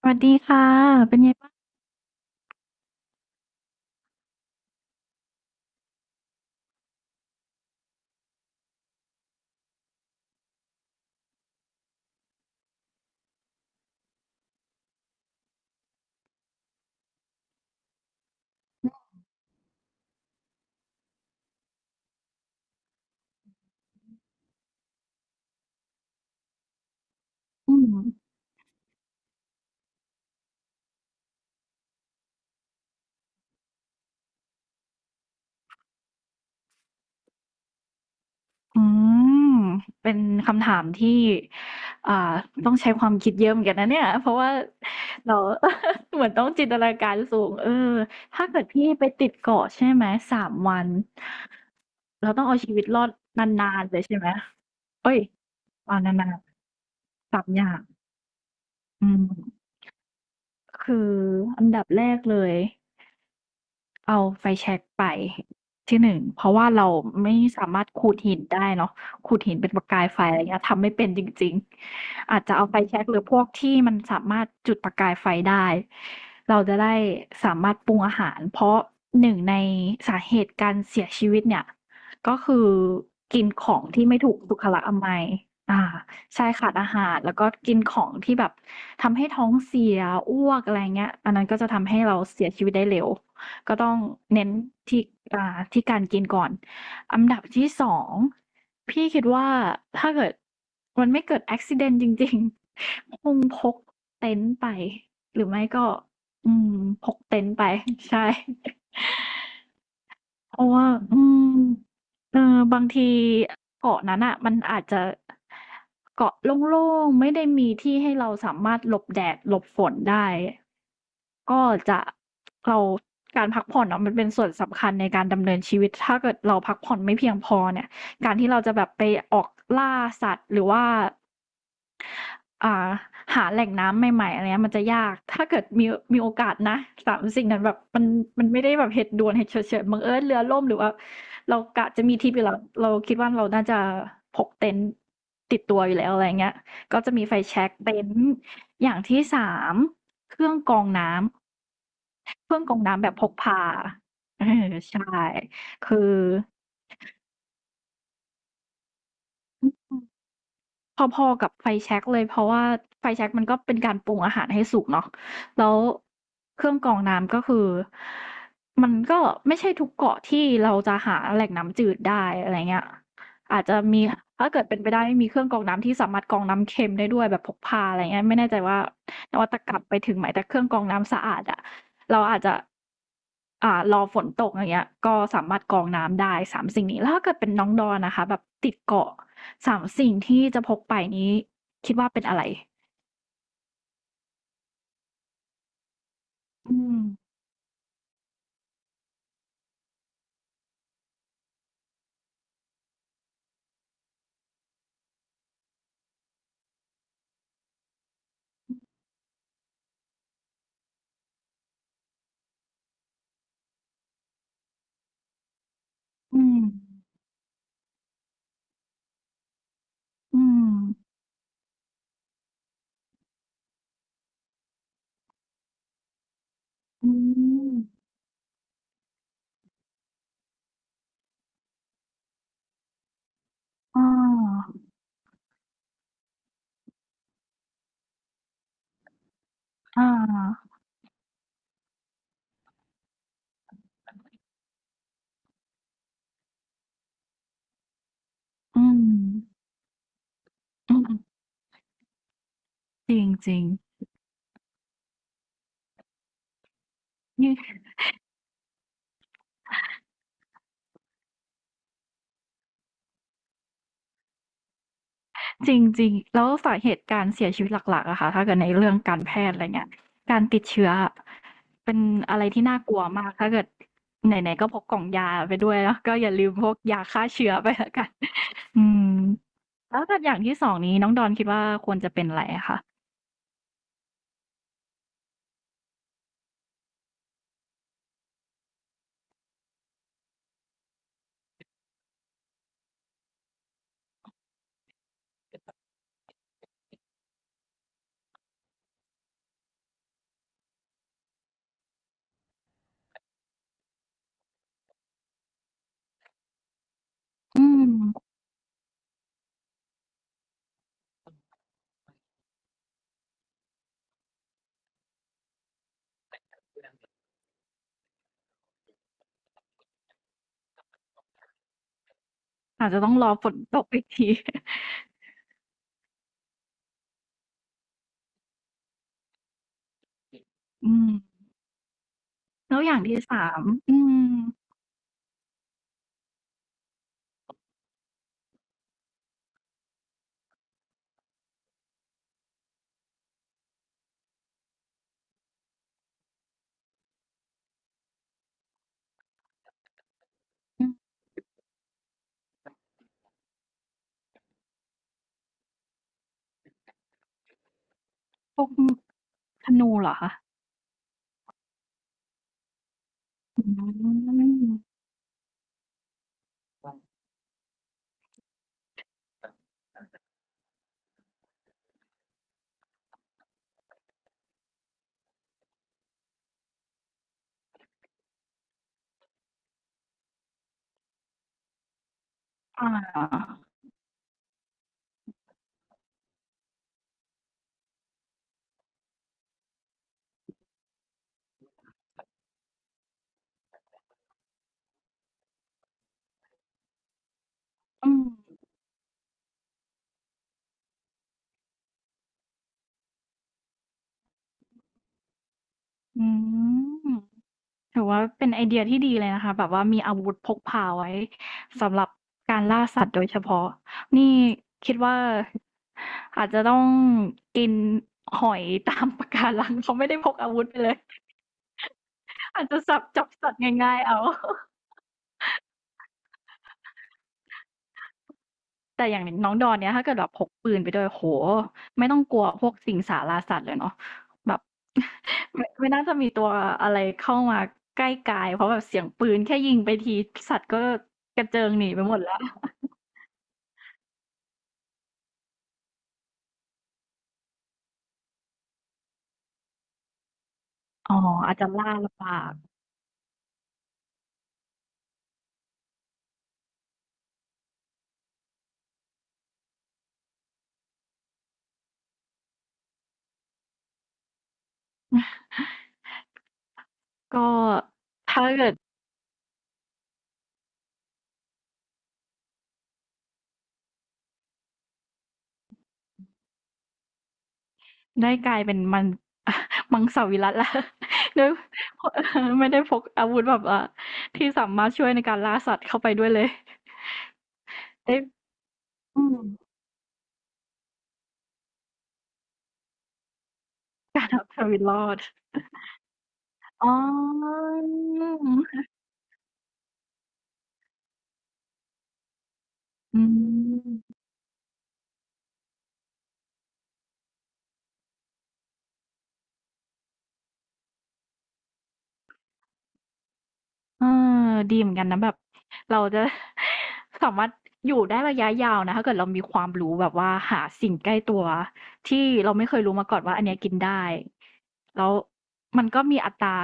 สวัสดีค่ะเป็นไงบ้างอืมเป็นคำถามที่อ่าต้องใช้ความคิดเยอะเหมือนกันนะเนี่ยเพราะว่าเรา เหมือนต้องจินตนาการสูงเออถ้าเกิดพี่ไปติดเกาะใช่ไหมสามวันเราต้องเอาชีวิตรอดนานๆเลยใช่ไหมเอ้ยเอานานๆสามอย่างอืมคืออันดับแรกเลย เอาไฟแช็กไปที่หนึ่งเพราะว่าเราไม่สามารถขูดหินได้เนาะขูดหินเป็นประกายไฟอะไรเงี้ยทำไม่เป็นจริงๆอาจจะเอาไฟแช็กหรือพวกที่มันสามารถจุดประกายไฟได้เราจะได้สามารถปรุงอาหารเพราะหนึ่งในสาเหตุการเสียชีวิตเนี่ยก็คือกินของที่ไม่ถูกสุขลักษณะอมัยอ่าใช่ขาดอาหารแล้วก็กินของที่แบบทำให้ท้องเสียอ้วกอะไรเงี้ยอันนั้นก็จะทำให้เราเสียชีวิตได้เร็ว ก็ต้องเน้นที่อ่าที่การกินก่อนอันดับที่สองพี่คิดว่าถ้าเกิดมันไม่เกิด a อ c กซิเดนต์จริงๆ คงพกเต็นท์ไปหรือไม่ก็อืมพกเต็นท์ไป ใช่ เพราะว่าอืมเออบางทีเกาะนั้นน่ะมันอาจจะเกาะโล่งๆไม่ได้มีที่ให้เราสามารถหลบแดดหลบฝนได้ก็จะเราการพักผ่อนอะมันเป็นส่วนสำคัญในการดำเนินชีวิตถ้าเกิดเราพักผ่อนไม่เพียงพอเนี่ยการที่เราจะแบบไปออกล่าสัตว์หรือว่า อ่าหาแหล่งน้ำใหม่ๆอะไรเงี้ยมันจะยากถ้าเกิดมีโอกาสนะสามสิ่งนั้นแบบมันไม่ได้แบบเหตุด่วนเหตุฉุกเฉินบังเอิญเรือล่มหรือว่าเรากะจะมีทริปอยู่แล้วเราคิดว่าเราน่าจะพกเต็นท์ติดตัวอยู่แล้วอะไรเงี้ยก็จะมีไฟแช็กเต็นท์อย่างที่3เครื่องกรองน้ำเครื่องกรองน้ำแบบพกพาเออใช่คืออืม พอๆกับไฟแช็กเลยเพราะว่าไฟแช็กมันก็เป็นการปรุงอาหารให้สุกเนาะแล้วเครื่องกรองน้ำก็คือมันก็ไม่ใช่ทุกเกาะที่เราจะหาแหล่งน้ำจืดได้อะไรเงี้ยอาจจะมีถ้าเกิดเป็นไปได้มีเครื่องกรองน้ำที่สามารถกรองน้ำเค็มได้ด้วยแบบพกพาอะไรเงี้ยไม่แน่ใจว่านวัตกรรมไปถึงไหนแต่เครื่องกรองน้ำสะอาดอะ เราอาจจะรอฝนตกอย่างเงี้ยก็สามารถกรองน้ำได้3สิ่งนี้แล้วถ้าเกิดเป็นน้องดอนนะคะแบบติดเกาะ3สิ่งที่จะพกไปนี้คิดว่าเป็นอะไรอืมอืมอืมอืมอาออาอืมอืมจริงจริงนี่จริงๆแล้วสาเหตุการเสียชีวิตหลักๆอะค่ะถ้าเกิดในเรื่องการแพทย์อะไรเงี้ยการติดเชื้อ เป็นอะไรที่น่ากลัวมากถ้าเกิดไหนๆก็พกกล่องยาไปด้วยแล้วก็อย่าลืมพกยาฆ่าเชื้อไปแล้วกัน อืมแล้วถ้าอย่างที่สองนี้น้องดอนคิดว่าควรจะเป็นอะไรอะคะอืมอาจจะต้องรอฝนตกอีกที อืมแล้วอย่างที่3อืมอืมพวกธนูเหรอคะอืมอาอืมอืม ถือว่าเป็นไอเดียที่ดีเลยนะคะแบบว่ามีอาวุธพกพาไว้สำหรับการล่าสัตว์โดยเฉพาะนี่คิดว่าอาจจะต้องกินหอยตามปะการังเขาไม่ได้พกอาวุธไปเลยอาจจะสับจับสัตว์ง่ายๆเอาแต่อย่างน้องดอนเนี่ยถ้าเกิดแบบพกปืนไปด้วยโอ้โฮไม่ต้องกลัวพวกสิงสาราสัตว์เลยเนาะแบบ ไม่น่าจะมีตัวอะไรเข้ามาใกล้กายเพราะแบบเสียงปืนแค่ยิงไปทีสัตว์ก็กระเจิงหนีไปหมดแล้ว อ๋ออาจจะล่าลำบากก็ถ้าเกิดได้กลายเป็นมัง มังสวิรัติแล้ว ด้วย เออไม่ได้พกอาวุธแบบอ่ะที่สามารถช่วยในการล่าสัตว์เข้าไปด้วยเลยได้อืม เอาชีวิตรอดอ๋ออืม เออดีเหมือนกันนะแบบเราจะ สามารถอยู่ได้ระยะยาวนะถ้าเกิดเรามีความรู้แบบว่าหาสิ่งใกล้ตัวที่เราไม่เคยรู้มาก่อนว่าอันเนี้ยกินได้แล้วมันก็มีอัตรา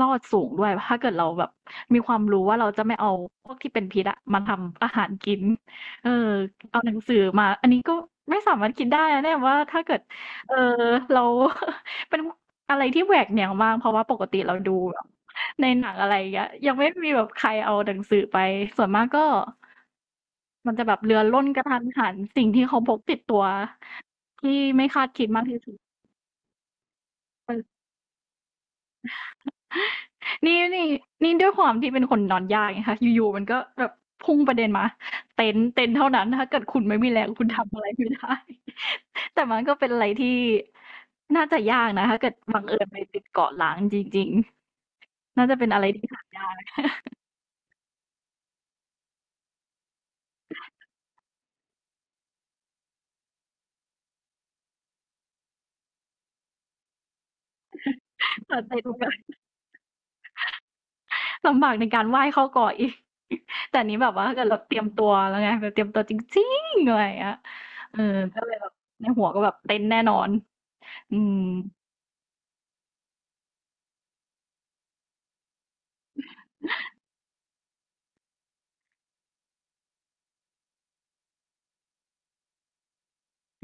รอดสูงด้วยถ้าเกิดเราแบบมีความรู้ว่าเราจะไม่เอาพวกที่เป็นพิษอะมาทำอาหารกินเออเอาหนังสือมาอันนี้ก็ไม่สามารถกินได้นะเนี่ยว่าถ้าเกิดเออเรา เป็นอะไรที่แหวกแนวมากเพราะว่าปกติเราดู ในหนังอะไรอย่างเงี้ยยังไม่มีแบบใครเอาหนังสือไปส่วนมากก็มันจะแบบเรือล่นกระทันหันสิ่งที่เขาพกติดตัวที่ไม่คาดคิดมากที่สุดเออนี่นี่ด้วยความที่เป็นคนนอนยากไงคะอยู่ๆมันก็แบบพุ่งประเด็นมาเต็นท์เท่านั้นถ้าเกิดคุณไม่มีแรงคุณทำอะไรไม่ได้ แต่มันก็เป็นอะไรที่น่าจะยากนะถ้าเกิดบังเอิญไปติดเกาะล้างจริงๆน่าจะเป็นอะไรที่หายากแต่เต็นท์มันก็ ลำบากในการไหว้เข้าก่ออีก แต่อันนี้แบบว่าถ้าเกิดเราเตรียมตัวแล้วไงแบบเตรียมตัวจริงๆอะไรอย่างเงี้ยเออก็เลยแบบในหัวก็แบบเต้นแน่นอนอืม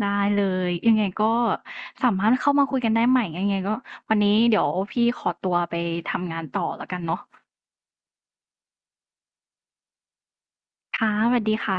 ได้เลยยังไงก็สามารถเข้ามาคุยกันได้ใหม่ยังไงก็วันนี้เดี๋ยวพี่ขอตัวไปทำงานต่อแล้วกันเนาะค่ะสวัสดีค่ะ